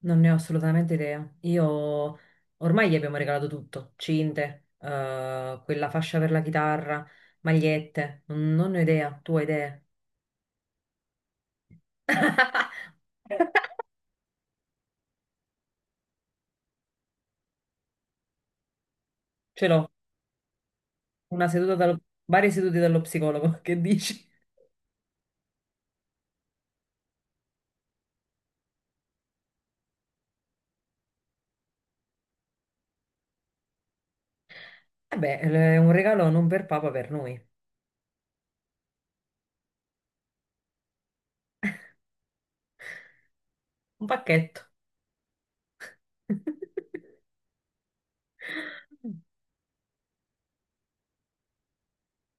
Non ne ho assolutamente idea. Io ormai gli abbiamo regalato tutto, cinte, quella fascia per la chitarra, magliette, non ne ho idea, tu hai idee. Ce l'ho, una seduta dallo, varie sedute dallo psicologo, che dici? Vabbè, è un regalo non per papa, per noi, un pacchetto.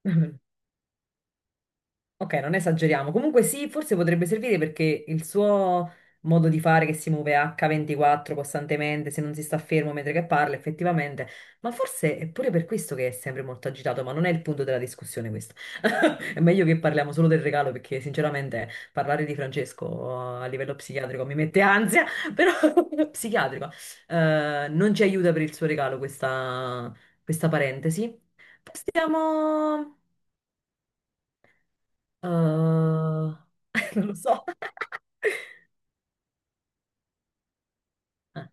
Ok, non esageriamo. Comunque sì, forse potrebbe servire perché il suo modo di fare che si muove H24 costantemente, se non si sta fermo mentre che parla, effettivamente. Ma forse è pure per questo che è sempre molto agitato, ma non è il punto della discussione questo. È meglio che parliamo solo del regalo perché sinceramente parlare di Francesco a livello psichiatrico mi mette ansia, però psichiatrico non ci aiuta per il suo regalo questa parentesi. Passiamo. Eh, Non lo so. Ah,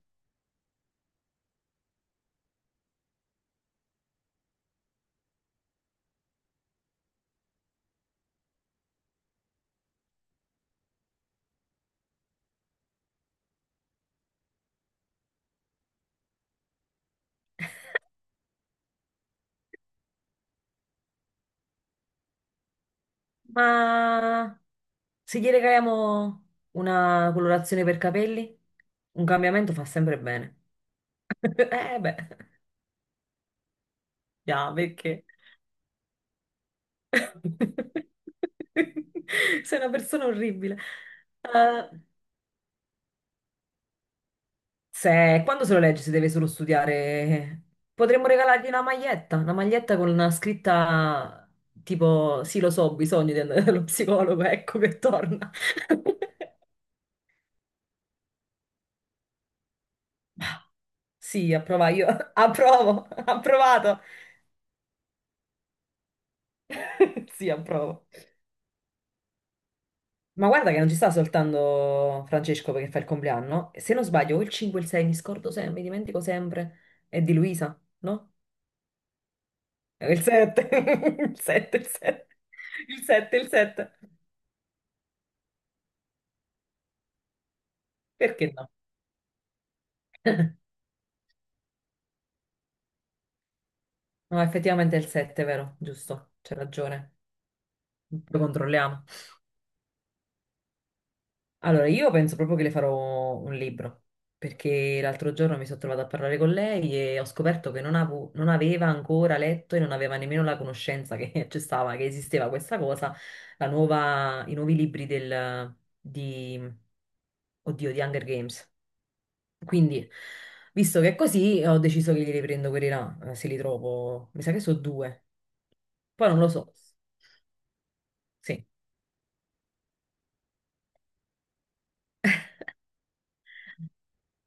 ma se gli regaliamo una colorazione per capelli, un cambiamento fa sempre bene. Eh beh, già, perché? Sei una persona orribile. Ah, se, quando se lo legge se deve solo studiare, potremmo regalargli una maglietta con una scritta tipo, sì lo so, ho bisogno di andare dallo psicologo, ecco che torna. Sì, approva, io approvo, approvato. Sì, approvo. Ma guarda che non ci sta soltanto Francesco perché fa il compleanno. Se non sbaglio, o il 5 e il 6, mi scordo sempre, mi dimentico sempre. È di Luisa, no? È il 7. Il 7, il 7. Il 7, il 7. Perché no? No, effettivamente è il 7, vero? Giusto, c'è ragione. Lo controlliamo. Allora, io penso proprio che le farò un libro, perché l'altro giorno mi sono trovata a parlare con lei e ho scoperto che non aveva ancora letto e non aveva nemmeno la conoscenza che c'è stava, che esisteva questa cosa, la nuova, i nuovi libri di, oddio, di Hunger Games. Quindi, visto che è così, ho deciso che glieli prendo quelli là, se li trovo. Mi sa che sono due. Poi non lo so. Sì.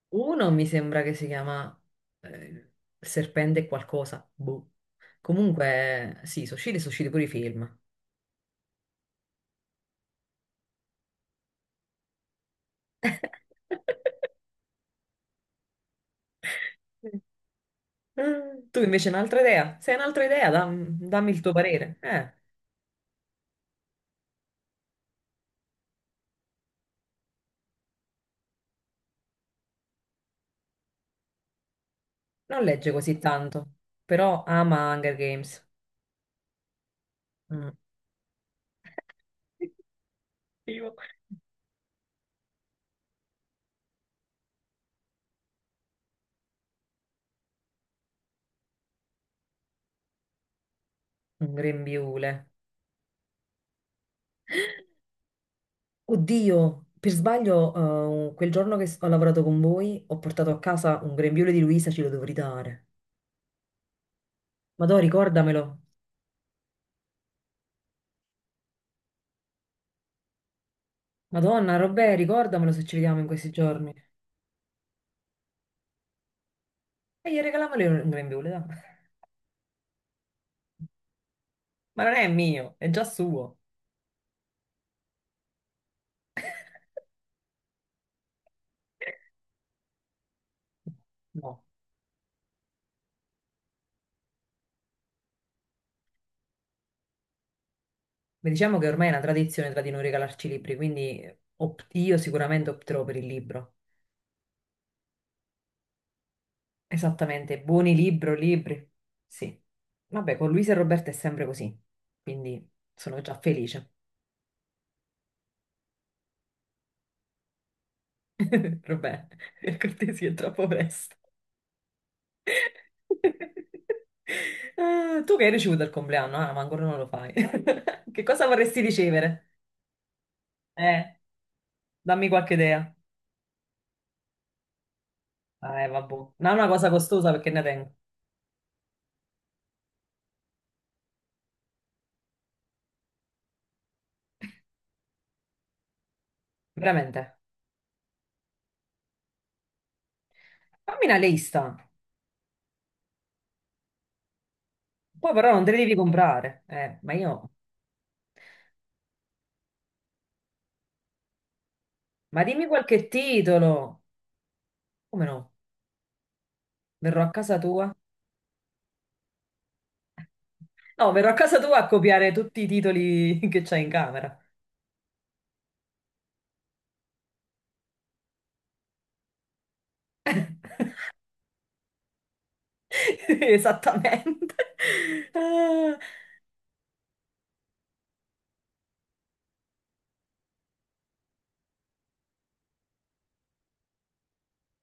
Uno mi sembra che si chiama eh, Serpente qualcosa. Boh. Comunque, sì, Sushiro e Sushiro pure i film. Tu invece un'altra idea? Se hai un'altra idea, dammi il tuo parere. Non legge così tanto, però ama Hunger Games. Mm. Io. Un grembiule. Oddio, per sbaglio, quel giorno che ho lavorato con voi, ho portato a casa un grembiule di Luisa, ce lo dovrei dare. Ma ricordamelo. Madonna, Robè, ricordamelo se ci vediamo in questi giorni. E gli regaliamole un grembiule, dai. Ma non è mio, è già suo. No. Beh, diciamo che ormai è una tradizione tra di noi regalarci libri, quindi io sicuramente opterò per il libro. Esattamente, buoni libro, libri. Sì. Vabbè, con Luisa e Roberta è sempre così, quindi sono già felice. Robè, per cortesia, è troppo presto. Ah, tu che hai ricevuto il compleanno? Ah, ma ancora non lo fai. Che cosa vorresti ricevere? Eh, Dammi qualche idea. Vabbè. Non è una cosa costosa perché ne tengo. Veramente. Fammi una lista. Poi però non te li devi comprare. Ma io... Ma dimmi qualche titolo. Come no? Verrò a casa tua? No, verrò a casa tua a copiare tutti i titoli che c'hai in camera. Esattamente. Ah,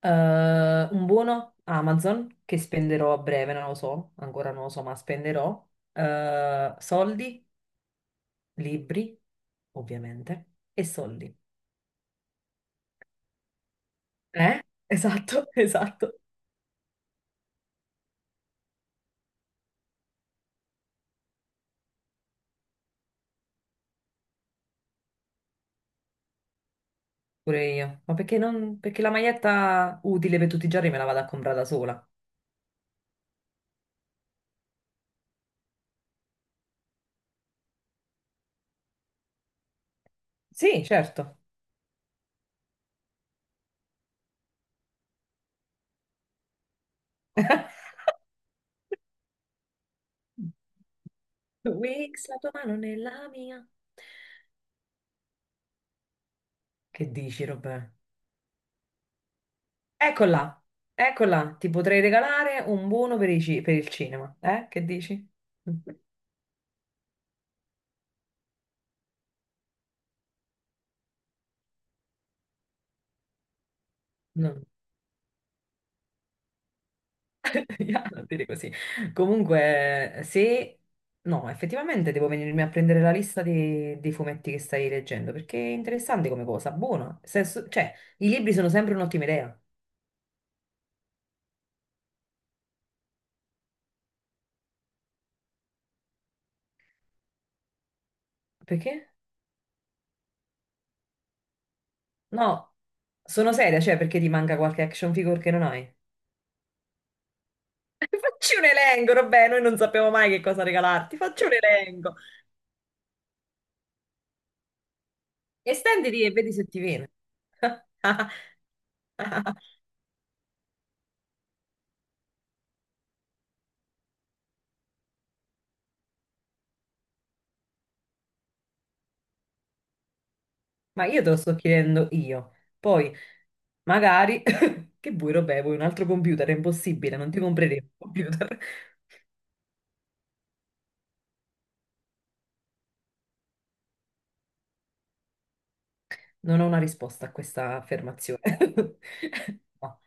Un buono Amazon che spenderò a breve, non lo so, ancora non lo so, ma spenderò. Soldi, libri, ovviamente, e soldi. Eh? Esatto, esatto. Pure io. Ma perché non... perché la maglietta utile per tutti i giorni me la vado a comprare da sola. Sì, certo. Wix, la tua mano nella mia. Che dici, Robè? Eccola, eccola, ti potrei regalare un buono per per il cinema, eh? Che dici? No, ya, non dire così. Comunque, se... no, effettivamente devo venirmi a prendere la lista dei fumetti che stai leggendo, perché è interessante come cosa, buona. Cioè, i libri sono sempre un'ottima idea. Perché? No, sono seria, cioè, perché ti manca qualche action figure che non hai? Facci un elenco, vabbè, noi non sappiamo mai che cosa regalarti, facci un elenco. Estenditi e vedi se ti viene. Ma io te lo sto chiedendo io. Poi, magari, che vuoi, Robè, vuoi un altro computer? È impossibile, non ti comprerei un computer. Non ho una risposta a questa affermazione. No,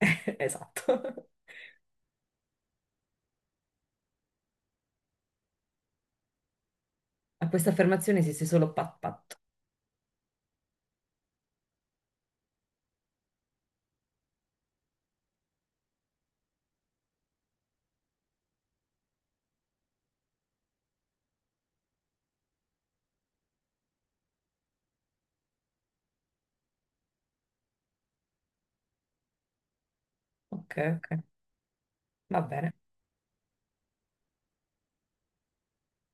esatto. A questa affermazione esiste solo pat pat. Ok, ok, va bene.